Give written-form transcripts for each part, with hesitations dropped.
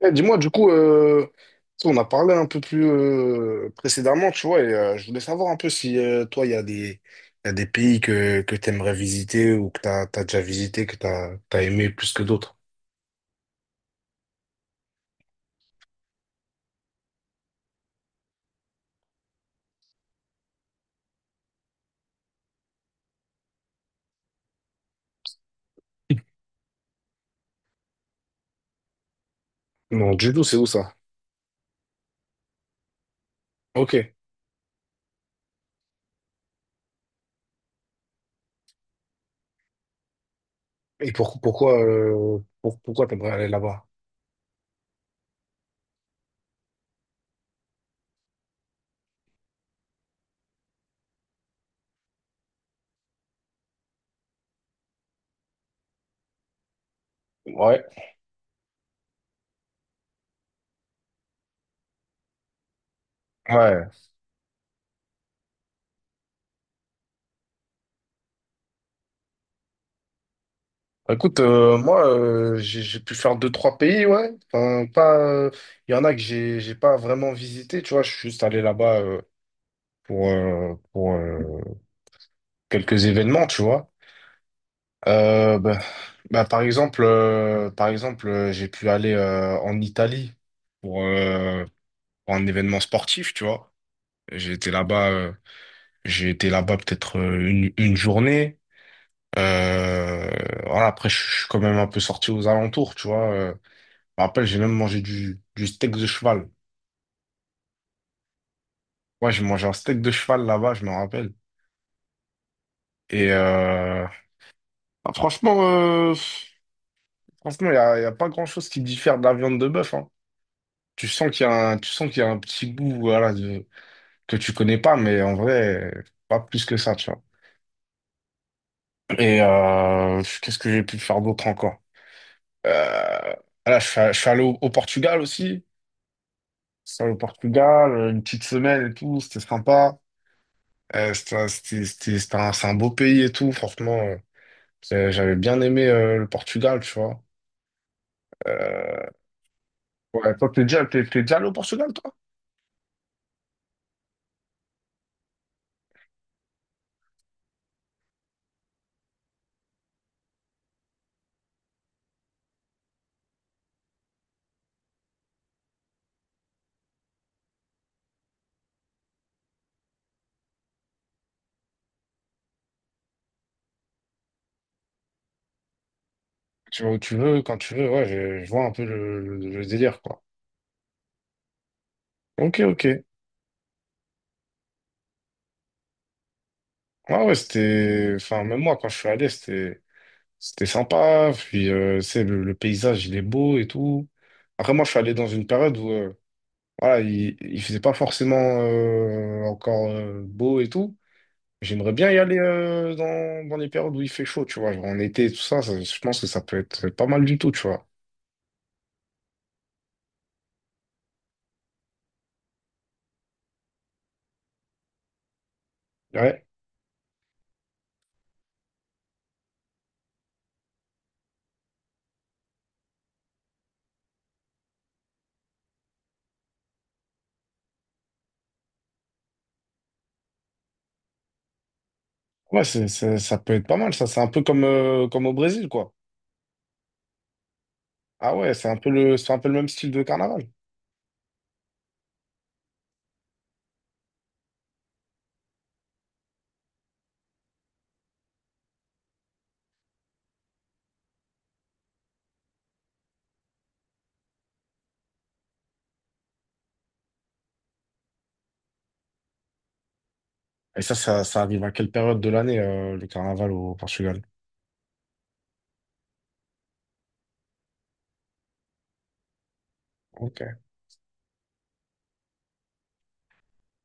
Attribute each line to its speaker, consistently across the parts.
Speaker 1: Eh, dis-moi, du coup, euh, tu sais, on a parlé un peu plus précédemment, tu vois, et je voulais savoir un peu si toi, il y a des pays que tu aimerais visiter ou que tu as, déjà visité, que tu as, aimé plus que d'autres. Non, du tout, c'est où ça? Ok. Pourquoi, pourquoi tu aimerais aller là-bas? Ouais, ouais. Bah, écoute, moi, j'ai pu faire deux, trois pays, ouais. Enfin, pas, il y en a que j'ai pas vraiment visité, tu vois. Je suis juste allé là-bas pour, quelques événements, tu vois. Euh, bah, par exemple, j'ai pu aller en Italie pour, euh, pour un événement sportif, tu vois. J'ai été là-bas, j'ai été là-bas peut-être une journée. Euh, voilà, après, je suis quand même un peu sorti aux alentours, tu vois. Je me rappelle, j'ai même mangé du steak de cheval. Ouais, j'ai mangé un steak de cheval là-bas, je me rappelle. Et euh, bah, franchement, y a pas grand-chose qui diffère de la viande de bœuf, hein. Tu sens qu'il y a un petit goût, voilà, de, que tu connais pas, mais en vrai, pas plus que ça, tu vois. Qu'est-ce que j'ai pu faire d'autre encore? Euh, voilà, je suis allé au Portugal aussi. Je suis allé au Portugal, une petite semaine et tout, c'était sympa. C'était un, c'est un beau pays et tout, franchement. J'avais bien aimé le Portugal, tu vois. Euh, ouais, toi, t'es déjà allé au Portugal, toi? Tu vas où tu veux, quand tu veux, ouais, je vois un peu le délire, quoi. Ok, ok. Ouais, ouais, c'était. Enfin, même moi, quand je suis allé, c'était sympa. Puis, tu sais, le paysage, il est beau et tout. Après, moi, je suis allé dans une période où, voilà, il faisait pas forcément encore beau et tout. J'aimerais bien y aller dans, dans les périodes où il fait chaud, tu vois. Genre en été tout ça, ça, je pense que ça peut être pas mal du tout, tu vois. Ouais, ouais, ça peut être pas mal, ça. C'est un peu comme, comme au Brésil, quoi. Ah ouais, c'est un peu le même style de carnaval. Et ça arrive à quelle période de l'année, le carnaval au Portugal? Ok.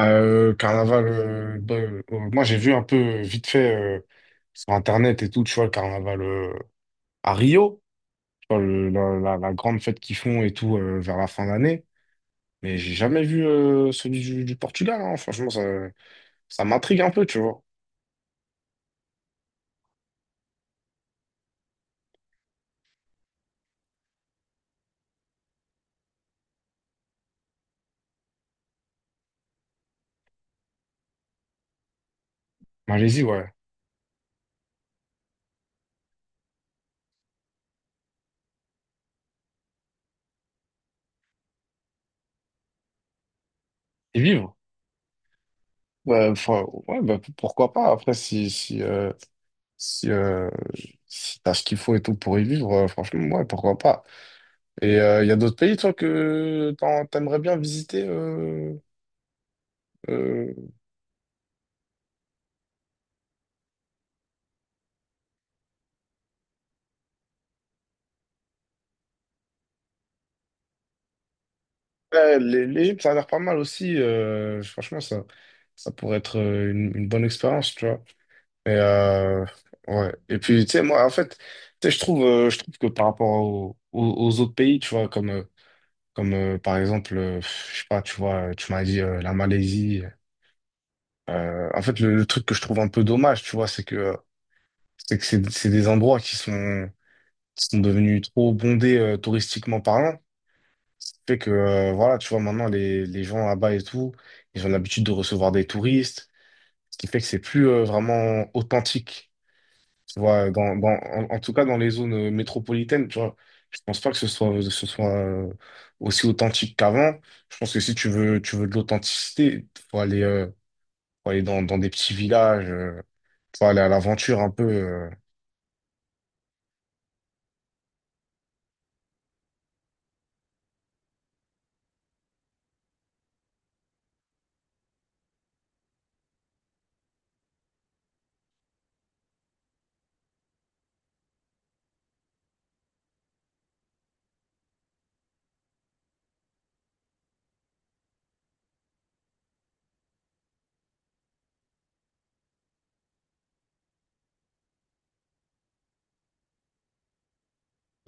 Speaker 1: Carnaval, moi j'ai vu un peu vite fait sur Internet et tout, tu vois, le carnaval à Rio, tu vois, la grande fête qu'ils font et tout vers la fin d'année. Mais j'ai jamais vu celui du Portugal, hein. Franchement, ça m'intrigue un peu, tu vois. Malaisie, ouais. Et vivre. Ouais, ouais, bah, pourquoi pas. Après, si, euh, si t'as ce qu'il faut et tout pour y vivre, franchement, ouais, pourquoi pas. Il y a d'autres pays, toi, t'aimerais bien visiter euh, ouais, les îles, ça a l'air pas mal aussi. Franchement, ça pourrait être une bonne expérience, tu vois. Et, euh, ouais. Et puis, tu sais, moi, en fait, tu sais, je trouve que par rapport aux autres pays, tu vois, comme par exemple, je sais pas, tu vois, tu m'as dit la Malaisie. En fait, le truc que je trouve un peu dommage, tu vois, c'est que c'est des endroits qui sont sont devenus trop bondés touristiquement parlant. Ce qui fait que, voilà, tu vois, maintenant, les gens là-bas et tout, ils ont l'habitude de recevoir des touristes, ce qui fait que c'est plus vraiment authentique, tu vois, en tout cas dans les zones métropolitaines, tu vois. Je pense pas que ce soit aussi authentique qu'avant. Je pense que si tu veux de l'authenticité, faut aller dans, dans des petits villages, faut aller à l'aventure un peu.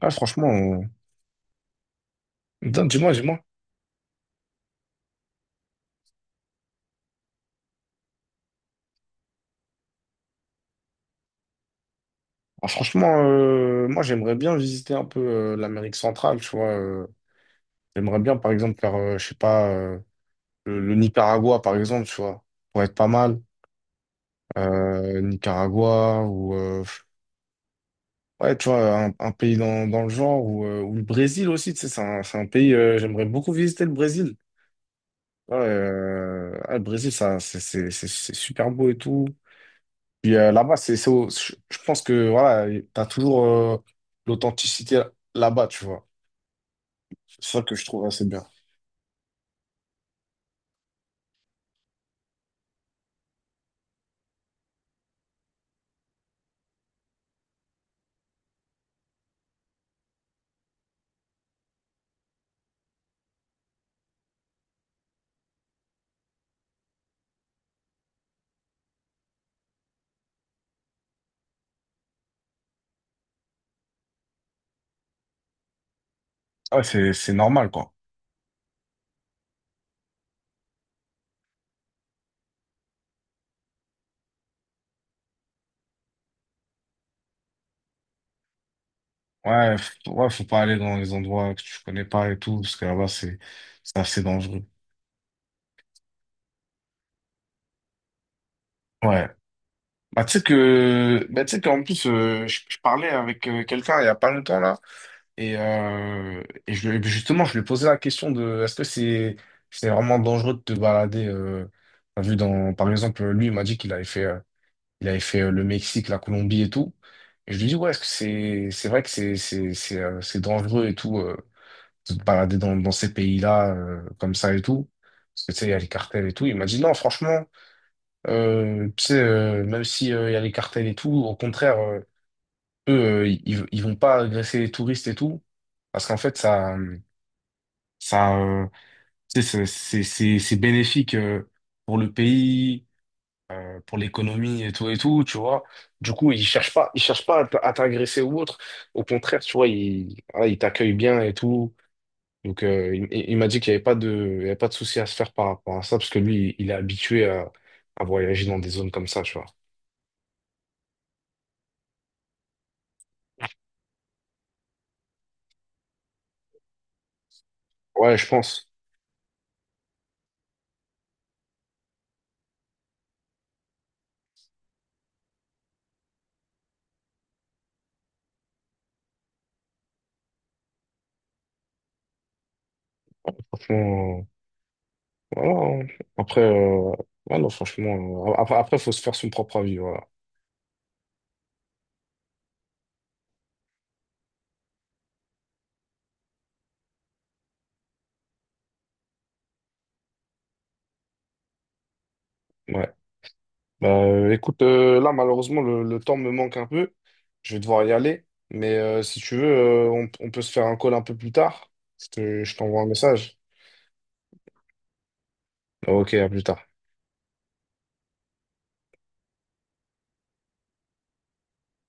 Speaker 1: Ah, euh, dis-moi, dis-moi. Ah, franchement, moi j'aimerais bien visiter un peu l'Amérique centrale, tu vois. J'aimerais bien, par exemple, faire, je sais pas, le Nicaragua, par exemple, tu vois. Pourrait être pas mal. Nicaragua ou ouais, tu vois, un pays dans, dans le genre ou le Brésil aussi, tu sais, c'est un pays. J'aimerais beaucoup visiter le Brésil. Ouais, ah, le Brésil, ça, c'est super beau et tout. Puis là-bas, je pense que voilà, t'as toujours l'authenticité là-bas, tu vois. C'est ça que je trouve assez bien. Ah, c'est normal, quoi. Ouais, ouais, faut pas aller dans les endroits que tu connais pas et tout, parce que là-bas, c'est assez dangereux. Ouais. Bah, bah, tu sais qu'en plus, je parlais avec quelqu'un il y a pas longtemps, là, et, euh, justement, je lui ai posé la question de, est-ce que c'est vraiment dangereux de te balader, t'as vu dans, par exemple, lui, il m'a dit qu'il avait fait, il avait fait le Mexique, la Colombie et tout. Et je lui dis, ouais, est-ce que c'est vrai que c'est dangereux et tout. De te balader dans, dans ces pays-là comme ça et tout. Parce que tu sais, il y a les cartels et tout. Il m'a dit non, franchement, tu sais, même si il y a les cartels et tout, au contraire, eux, ils vont pas agresser les touristes et tout. Parce qu'en fait, ça, euh, tu sais, c'est bénéfique pour le pays, pour l'économie et tout, tu vois. Du coup, ils cherchent pas à t'agresser ou autre. Au contraire, tu vois, ils, voilà, ils t'accueillent bien et tout. Donc, il m'a dit qu'il n'y avait pas de, il y avait pas de souci à se faire par rapport à ça, parce que lui, il est habitué à voyager dans des zones comme ça, tu vois. Ouais, je pense. Franchement, voilà. Hein. Après, ouais, non, franchement, après, faut se faire son propre avis, voilà. Ouais. Bah, écoute, là, malheureusement, le temps me manque un peu. Je vais devoir y aller. Mais si tu veux, on peut se faire un call un peu plus tard. Je t'envoie un message. Ok, à plus tard.